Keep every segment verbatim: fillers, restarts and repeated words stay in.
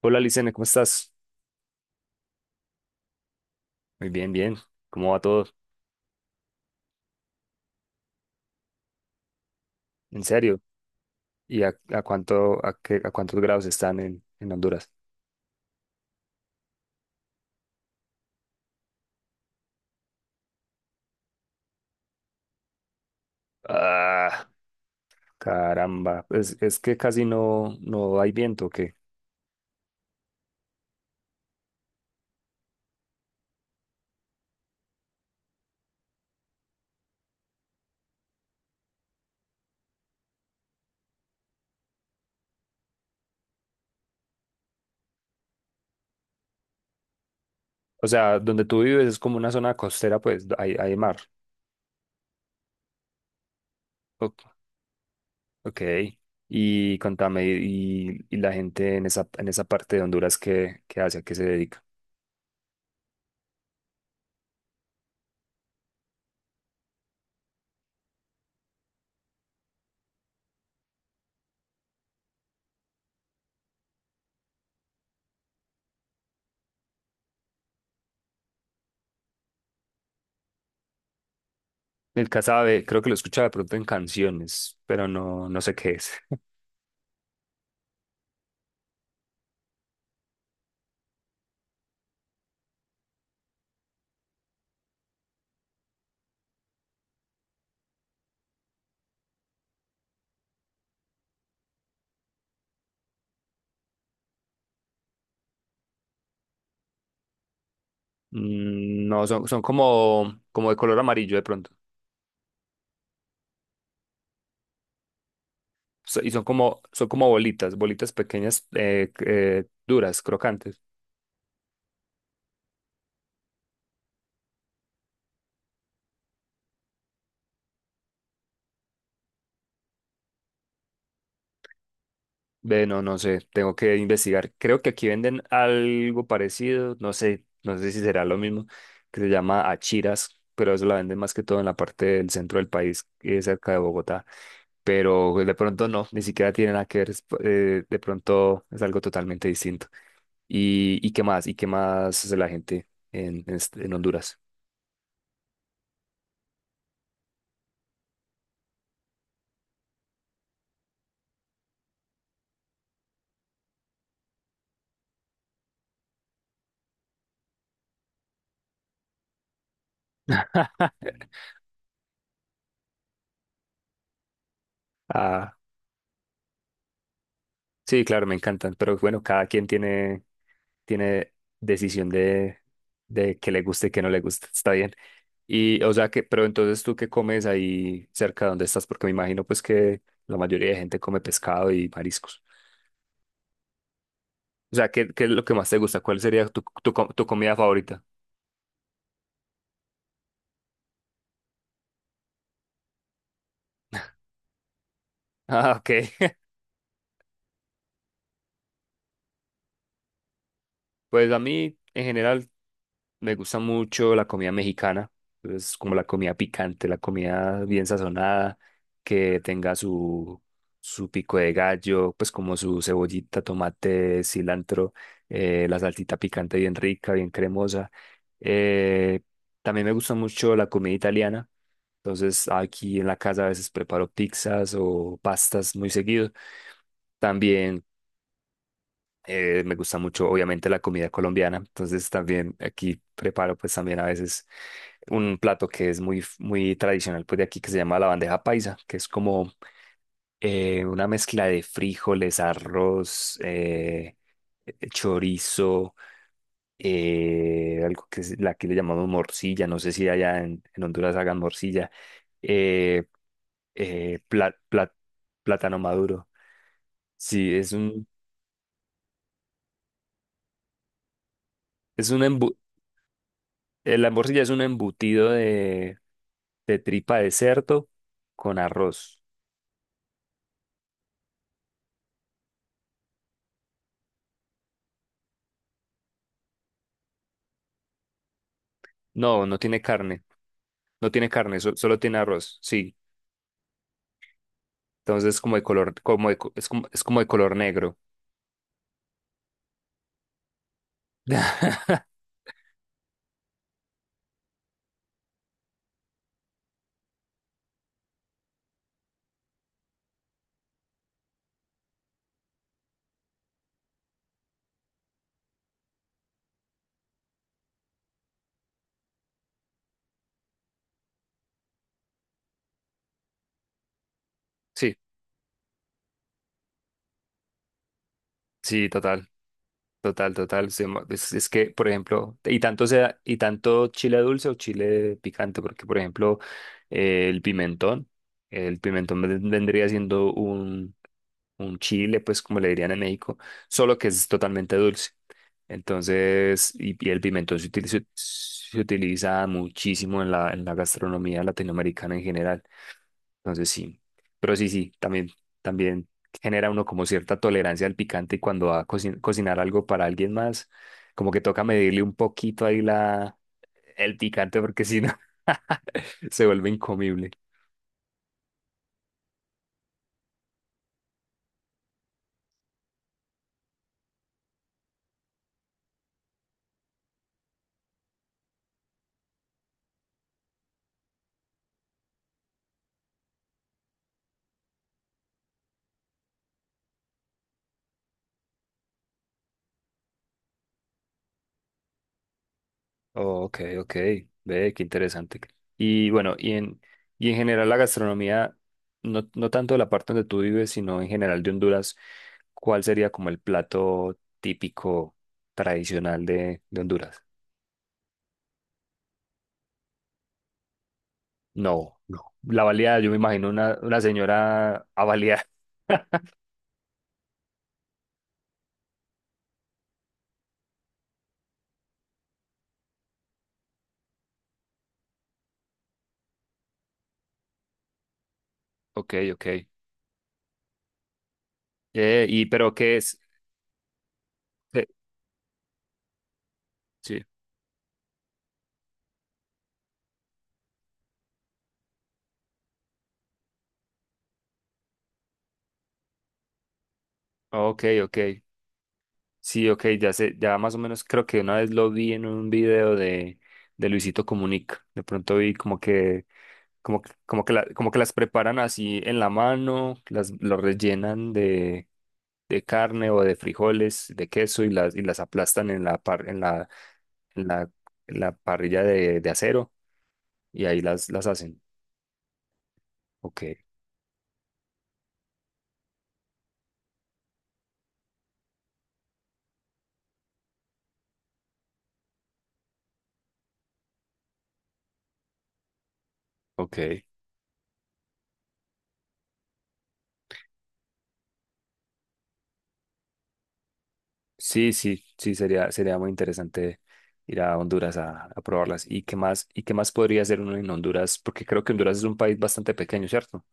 Hola, Licene, ¿cómo estás? Muy bien, bien. ¿Cómo va todo? ¿En serio? ¿Y a, a cuánto, a qué- a cuántos grados están en, en Honduras? Ah, caramba. Es, es que casi no, no hay viento, ¿o qué? O sea, donde tú vives es como una zona costera, pues hay, hay mar. O- ok. Y contame, y, y la gente en esa, en esa parte de Honduras, ¿qué, qué hace? ¿A qué se dedica? El casabe, creo que lo escuchaba de pronto en canciones, pero no, no sé qué es. Mm, No, son, son como, como de color amarillo de pronto. So- Y son como, son como bolitas, bolitas pequeñas, eh, eh, duras, crocantes. Ve, no, no sé, tengo que investigar. Creo que aquí venden algo parecido, no sé, no sé si será lo mismo, que se llama achiras, pero eso la venden más que todo en la parte del centro del país, eh, cerca de Bogotá. Pero pues, de pronto no, ni siquiera tiene nada que ver, es, eh, de pronto es algo totalmente distinto. ¿Y, y qué más? ¿Y qué más hace la gente en, en este- en Honduras? Ah, sí, claro, me encantan, pero bueno, cada quien tiene. Tiene decisión de, de que le guste y que no le gusta. Está bien. Y, o sea que, pero entonces tú qué comes ahí cerca de donde estás, porque me imagino pues que la mayoría de gente come pescado y mariscos. O sea, ¿qué, qué es lo que más te gusta? ¿Cuál sería tu, tu, co- tu comida favorita? Ah, ok. Pues a mí, en general, me gusta mucho la comida mexicana, es como la comida picante, la comida bien sazonada, que tenga su, su pico de gallo, pues como su cebollita, tomate, cilantro, eh, la salsita picante bien rica, bien cremosa. Eh, También me gusta mucho la comida italiana, entonces aquí en la casa a veces preparo pizzas o pastas muy seguido. También eh, me gusta mucho, obviamente, la comida colombiana. Entonces también aquí preparo pues también a veces un plato que es muy, muy tradicional pues de aquí que se llama la bandeja paisa, que es como eh, una mezcla de frijoles, arroz, eh, eh, chorizo, eh, algo que es- la- aquí le llamamos morcilla. No sé si allá en, en Honduras hagan morcilla. Eh, eh, pla- pla- Plátano maduro. Sí, es un, es un embu- eh, la morcilla es un embutido de, de tripa de cerdo con arroz. No, no tiene carne. No tiene carne, so- solo tiene arroz. Sí. Entonces como de color, como de co- es como, es como de color negro. Sí, sí, total. Total, total. se mo- Es, es que, por ejemplo, y tanto sea, y tanto chile dulce o chile picante, porque, por ejemplo, eh, el pimentón, el pimentón ven- vendría siendo un, un chile, pues como le dirían en México, solo que es totalmente dulce. Entonces, y, y el pimentón se utiliza, se utiliza muchísimo en la, en la gastronomía latinoamericana en general. Entonces, sí. Pero sí, sí, también, también genera uno como cierta tolerancia al picante y cuando va a coci- cocinar algo para alguien más, como que toca medirle un poquito ahí la, el picante porque si no, se vuelve incomible. Oh, ok, ok. Ve, qué interesante. Y bueno, y en, y en general la gastronomía, no, no tanto de la parte donde tú vives, sino en general de Honduras, ¿cuál sería como el plato típico tradicional de, de Honduras? No, no. La baleada, yo me imagino una, una señora a balear. Ok, ok. Eh, y pero ¿qué es? Eh, sí. Ok, ok. Sí, ok, ya sé, ya más o menos creo que una vez lo vi en un video de, de Luisito Comunica. De pronto vi como que, como que, como que, la- como que las preparan así en la mano, las lo rellenan de, de carne o de frijoles, de queso y las, y las aplastan en la par- en la, en la, en la parrilla de, de acero y ahí las, las hacen. Ok, ok. Sí, sí, sí, sería, sería muy interesante ir a Honduras a, a probarlas. ¿Y qué más, y qué más podría hacer uno en Honduras? Porque creo que Honduras es un país bastante pequeño, ¿cierto?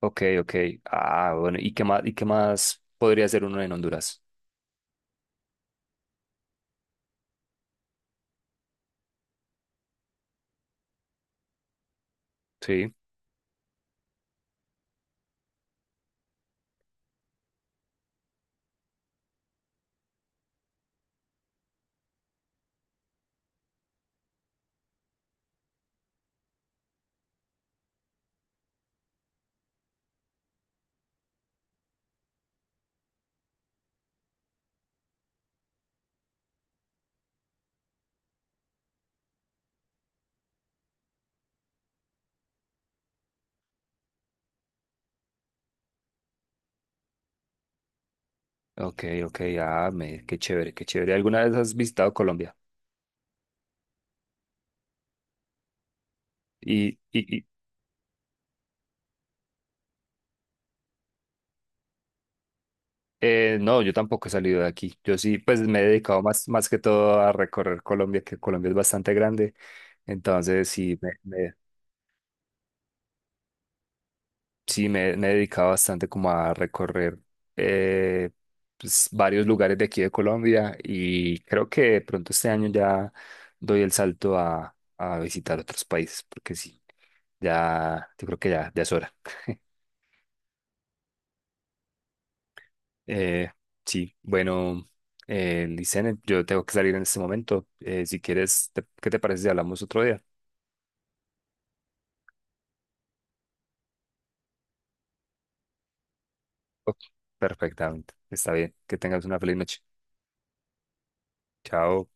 Ok, ok. Ah, bueno, ¿y qué más, y qué más podría hacer uno en Honduras? Sí, ok, ok. Ah, me, qué chévere, qué chévere. ¿Alguna vez has visitado Colombia? Y, y, y eh, no, yo tampoco he salido de aquí. Yo sí, pues me he dedicado más, más que todo a recorrer Colombia, que Colombia es bastante grande. Entonces, sí, me, me- sí, me, me he dedicado bastante como a recorrer eh, pues, varios lugares de aquí de Colombia y creo que de pronto este año ya doy el salto a, a visitar otros países, porque sí, ya, yo creo que ya, ya es hora. Eh, sí, bueno, eh, Licene, yo tengo que salir en este momento. Eh, si quieres, te- ¿qué te parece si hablamos otro día? Ok, perfectamente, está bien. Que tengas una feliz noche. Chao.